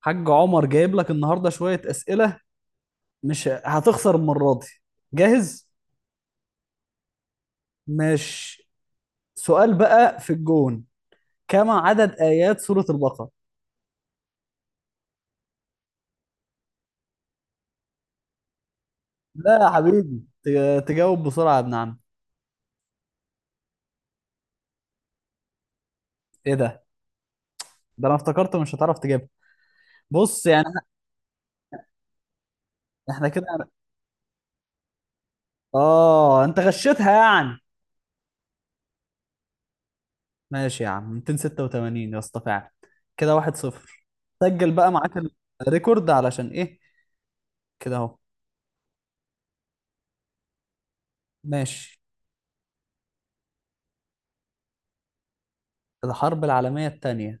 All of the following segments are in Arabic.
حاج عمر جايب لك النهارده شوية أسئلة. مش هتخسر المرة دي. جاهز؟ مش سؤال بقى في الجون. كم عدد آيات سورة البقرة؟ لا يا حبيبي، تجاوب بسرعة يا ابن عم. ايه ده؟ ده انا افتكرت مش هتعرف تجيبها. بص يعني إحنا- احنا كده. اه انت غشيتها يعني. ماشي يا عم، 286 يا اسطى فعلا. كده 1-0. سجل بقى معاك الريكورد علشان ايه، كده اهو. ماشي. الحرب العالمية التانية.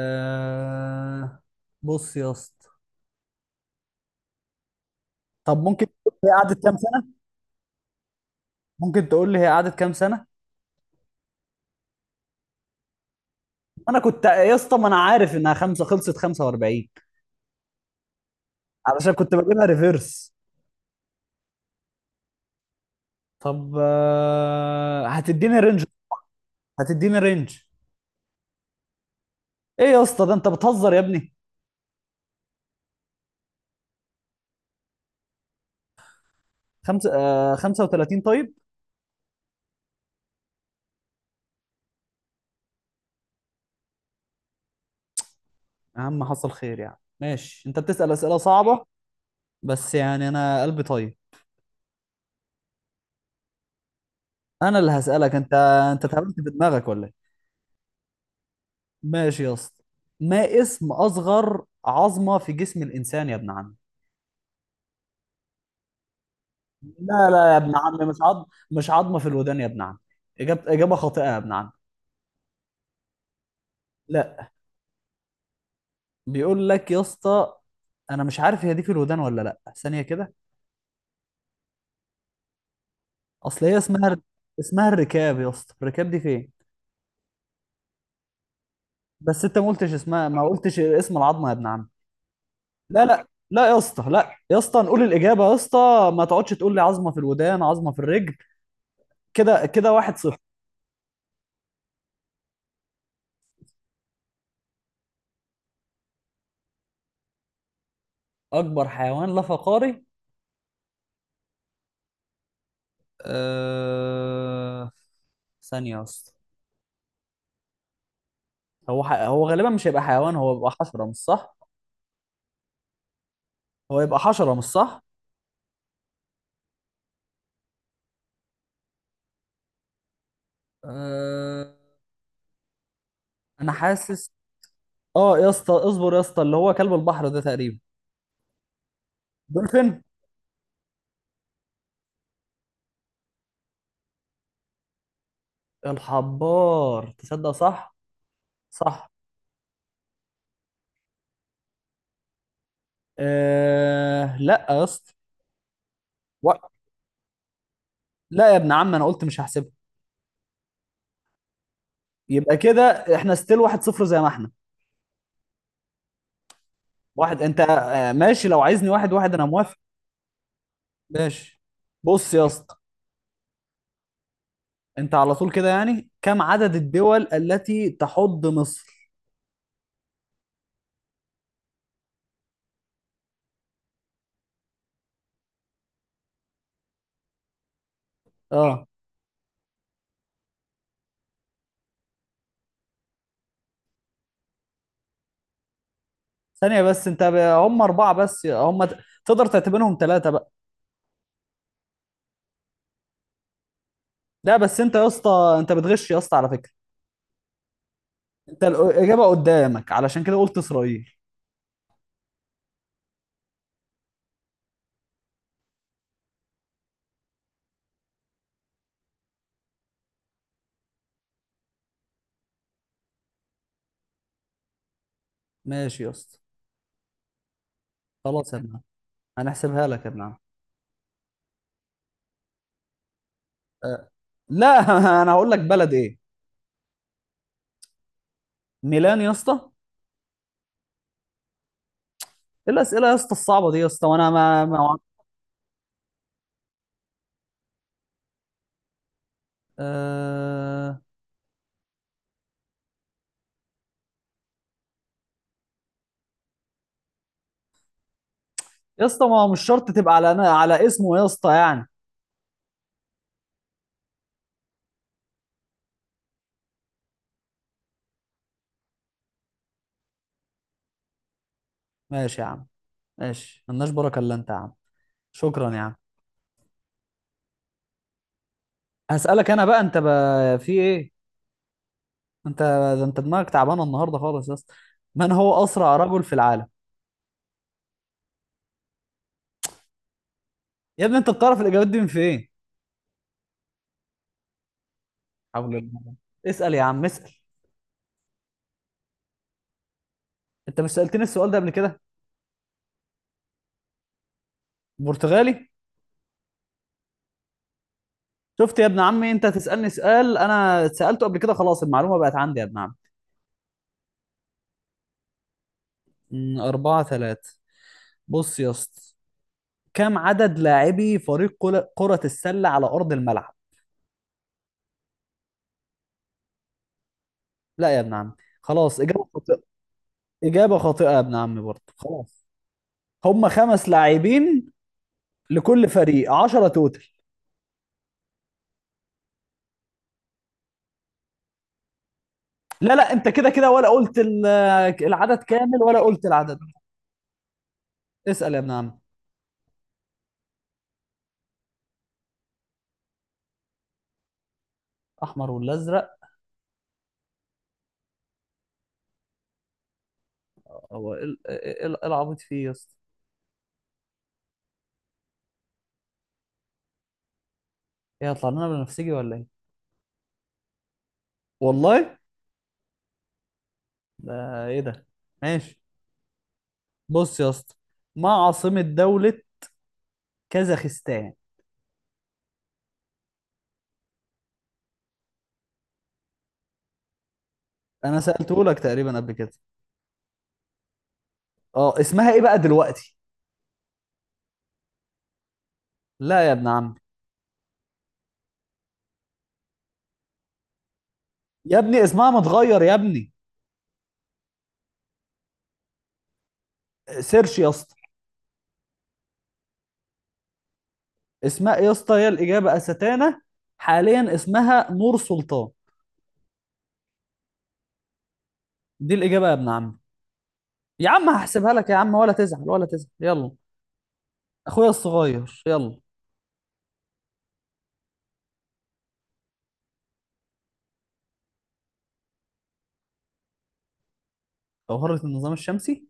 آه، بص يا اسطى. طب ممكن تقول لي هي قعدت كام سنة؟ ممكن تقول لي هي قعدت كام سنة؟ انا كنت يا اسطى، ما انا عارف انها خمسة، خلصت 45، علشان كنت بجيبها ريفيرس. طب آه، هتديني رينج؟ هتديني رينج؟ ايه يا اسطى، ده انت بتهزر يا ابني. خمسة، آه 35 طيب. يا عم حصل خير يعني، ماشي. انت بتسأل أسئلة صعبة، بس يعني انا قلبي طيب. انا اللي هسألك انت. انت اتهبلت في دماغك ولا إيه؟ ماشي يا اسطى. ما اسم اصغر عظمه في جسم الانسان يا ابن عم؟ لا لا يا ابن عم، مش عظم. مش عظمه في الودان يا ابن عم. اجابه خاطئه يا ابن عم. لا. بيقول لك يا اسطى، انا مش عارف هي دي في الودان ولا لا، ثانيه كده. اصل هي اسمها، اسمها الركاب يا اسطى. الركاب دي فين؟ بس انت ما قلتش اسمها، ما قلتش اسم العظمه يا ابن عم. لا لا لا يا اسطى، لا يا اسطى، نقول الاجابه يا اسطى، ما تقعدش تقول لي عظمه في الودان، عظمه في الرجل. كده كده واحد صفر. اكبر حيوان لا فقاري. أه... ثانية أصلا. هو غالبا مش هيبقى حيوان، هو يبقى حشرة مش صح؟ هو يبقى حشرة مش صح؟ أه... انا حاسس. اه يا اسطى اصبر يا اسطى، اللي هو كلب البحر ده تقريبا. دولفين. الحبار، تصدق صح؟ صح. لا يا اسطى. و... لا يا ابن عم، انا قلت مش هحسبها. يبقى كده احنا ستيل واحد صفر، زي ما احنا. واحد انت، آه ماشي، لو عايزني واحد واحد انا موافق. ماشي. بص يا اسطى، انت على طول كده يعني. كم عدد الدول التي تحض مصر؟ اه، ثانية بس، هم أربعة بس، تقدر تعتبرهم ثلاثة بقى. لا بس انت يا اسطى، انت بتغش يا اسطى على فكرة. انت الإجابة قدامك، علشان كده قلت إسرائيل. ماشي يا اسطى. خلاص يا ابن عم، هنحسبها لك يا ابن عم. آه. لا انا هقول لك بلد ايه. ميلان يا اسطى. ايه الأسئلة يا اسطى الصعبة دي يا اسطى، وانا ما, ما... آه... يا اسطى، ما هو مش شرط تبقى على اسمه يا اسطى يعني. ماشي يا عم. ماشي، ملناش بركه الا انت يا عم. شكرا يا عم. هسألك انا بقى، انت بقى في ايه. انت ده انت دماغك تعبانه النهارده خالص يا اسطى. من هو اسرع رجل في العالم؟ يا ابني انت بتعرف الاجابات دي من فين؟ حول الله. اسأل يا عم، اسأل. انت مش سألتني السؤال ده قبل كده؟ برتغالي. شفت يا ابن عمي، انت تسألني سؤال انا سألته قبل كده، خلاص المعلومه بقت عندي يا ابن عم. أربعة ثلاثة. بص يا اسطى، كم عدد لاعبي فريق كرة السلة على أرض الملعب؟ لا يا ابن عم، خلاص إجابة. إجابة خاطئة يا ابن عمي برضه، خلاص. هم خمس لاعبين لكل فريق، 10 توتل. لا لا، انت كده كده ولا قلت العدد كامل، ولا قلت العدد. اسأل يا ابن عم. احمر ولا ازرق؟ هو ايه إيه العبيط فيه يا اسطى؟ ايه، هيطلع لنا بنفسجي ولا ايه؟ والله. ده ايه ده. ماشي. بص يا اسطى، ما عاصمة دولة كازاخستان؟ انا سألته لك تقريبا قبل كده. اه، اسمها ايه بقى دلوقتي؟ لا يا ابن عم. يا ابني اسمها متغير يا ابني. سيرش يا اسطى. اسمها ايه يا اسطى، هي الاجابه استانه، حاليا اسمها نور سلطان. دي الاجابه يا ابن عم. يا عم هحسبها لك يا عم، ولا تزعل، ولا تزعل، يلا. اخويا الصغير، يلا. جوهره النظام الشمسي.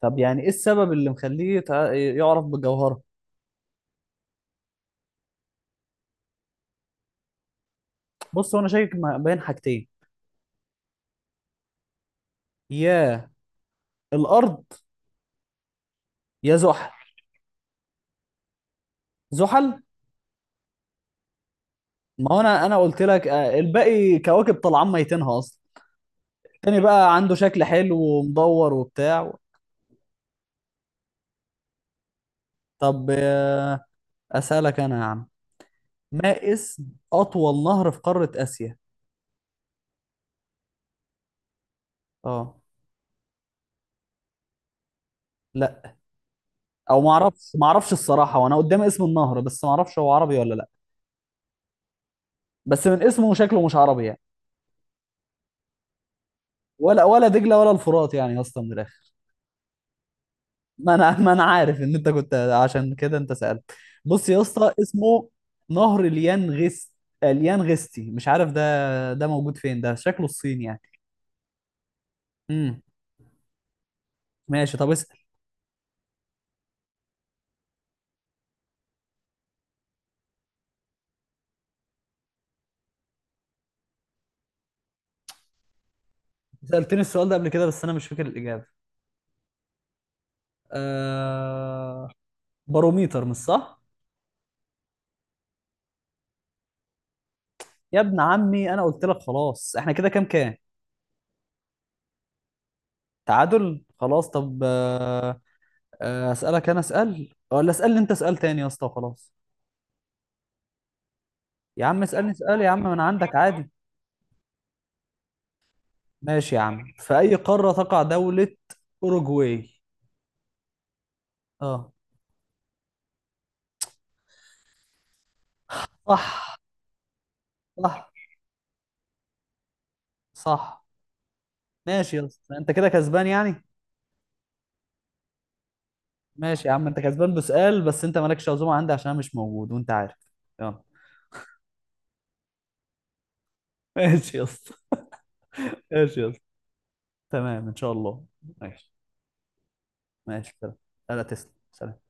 طب يعني ايه السبب اللي مخليه يعرف بالجوهره؟ بص، هو انا شاكك بين حاجتين. يا الارض، يا زحل. زحل. ما هو انا قلت لك، آه، الباقي كواكب طالعان ميتينها اصلا. التاني بقى عنده شكل حلو ومدور وبتاع. طب آه، اسالك انا يا عم. ما اسم اطول نهر في قارة اسيا؟ اه. لا. او ما اعرفش، ما اعرفش الصراحة، وانا قدامي اسم النهر بس ما اعرفش هو عربي ولا لا. بس من اسمه شكله مش عربي يعني. ولا دجلة ولا الفرات يعني يا اسطى من الاخر. ما انا عارف ان انت كنت، عشان كده انت سألت. بص يا اسطى، اسمه نهر اليانغست. اليانغستي، مش عارف ده، موجود فين ده، شكله الصين يعني. امم. ماشي، طب اسأل. سألتني السؤال ده قبل كده، بس انا مش فاكر الإجابة. آه... باروميتر، مش صح؟ يا ابن عمي انا قلت لك، خلاص احنا كده كام كام. تعادل خلاص. طب آه، آه، اسالك انا، اسال ولا اسالني انت؟ اسال تاني يا اسطى وخلاص. يا عم اسالني، اسال يا عم من عندك عادي. ماشي يا عم. في اي قاره تقع دوله اوروجواي؟ اه. صح صح صح. ماشي يا اسطى، انت كده كسبان يعني. ماشي يا عم، انت كسبان بسؤال، بس انت مالكش عزومه عندي عشان انا مش موجود وانت عارف. يلا. ماشي يا اسطى. ماشي يا اسطى، تمام ان شاء الله. ماشي. ماشي سلام. لا لا تسلم، سلام.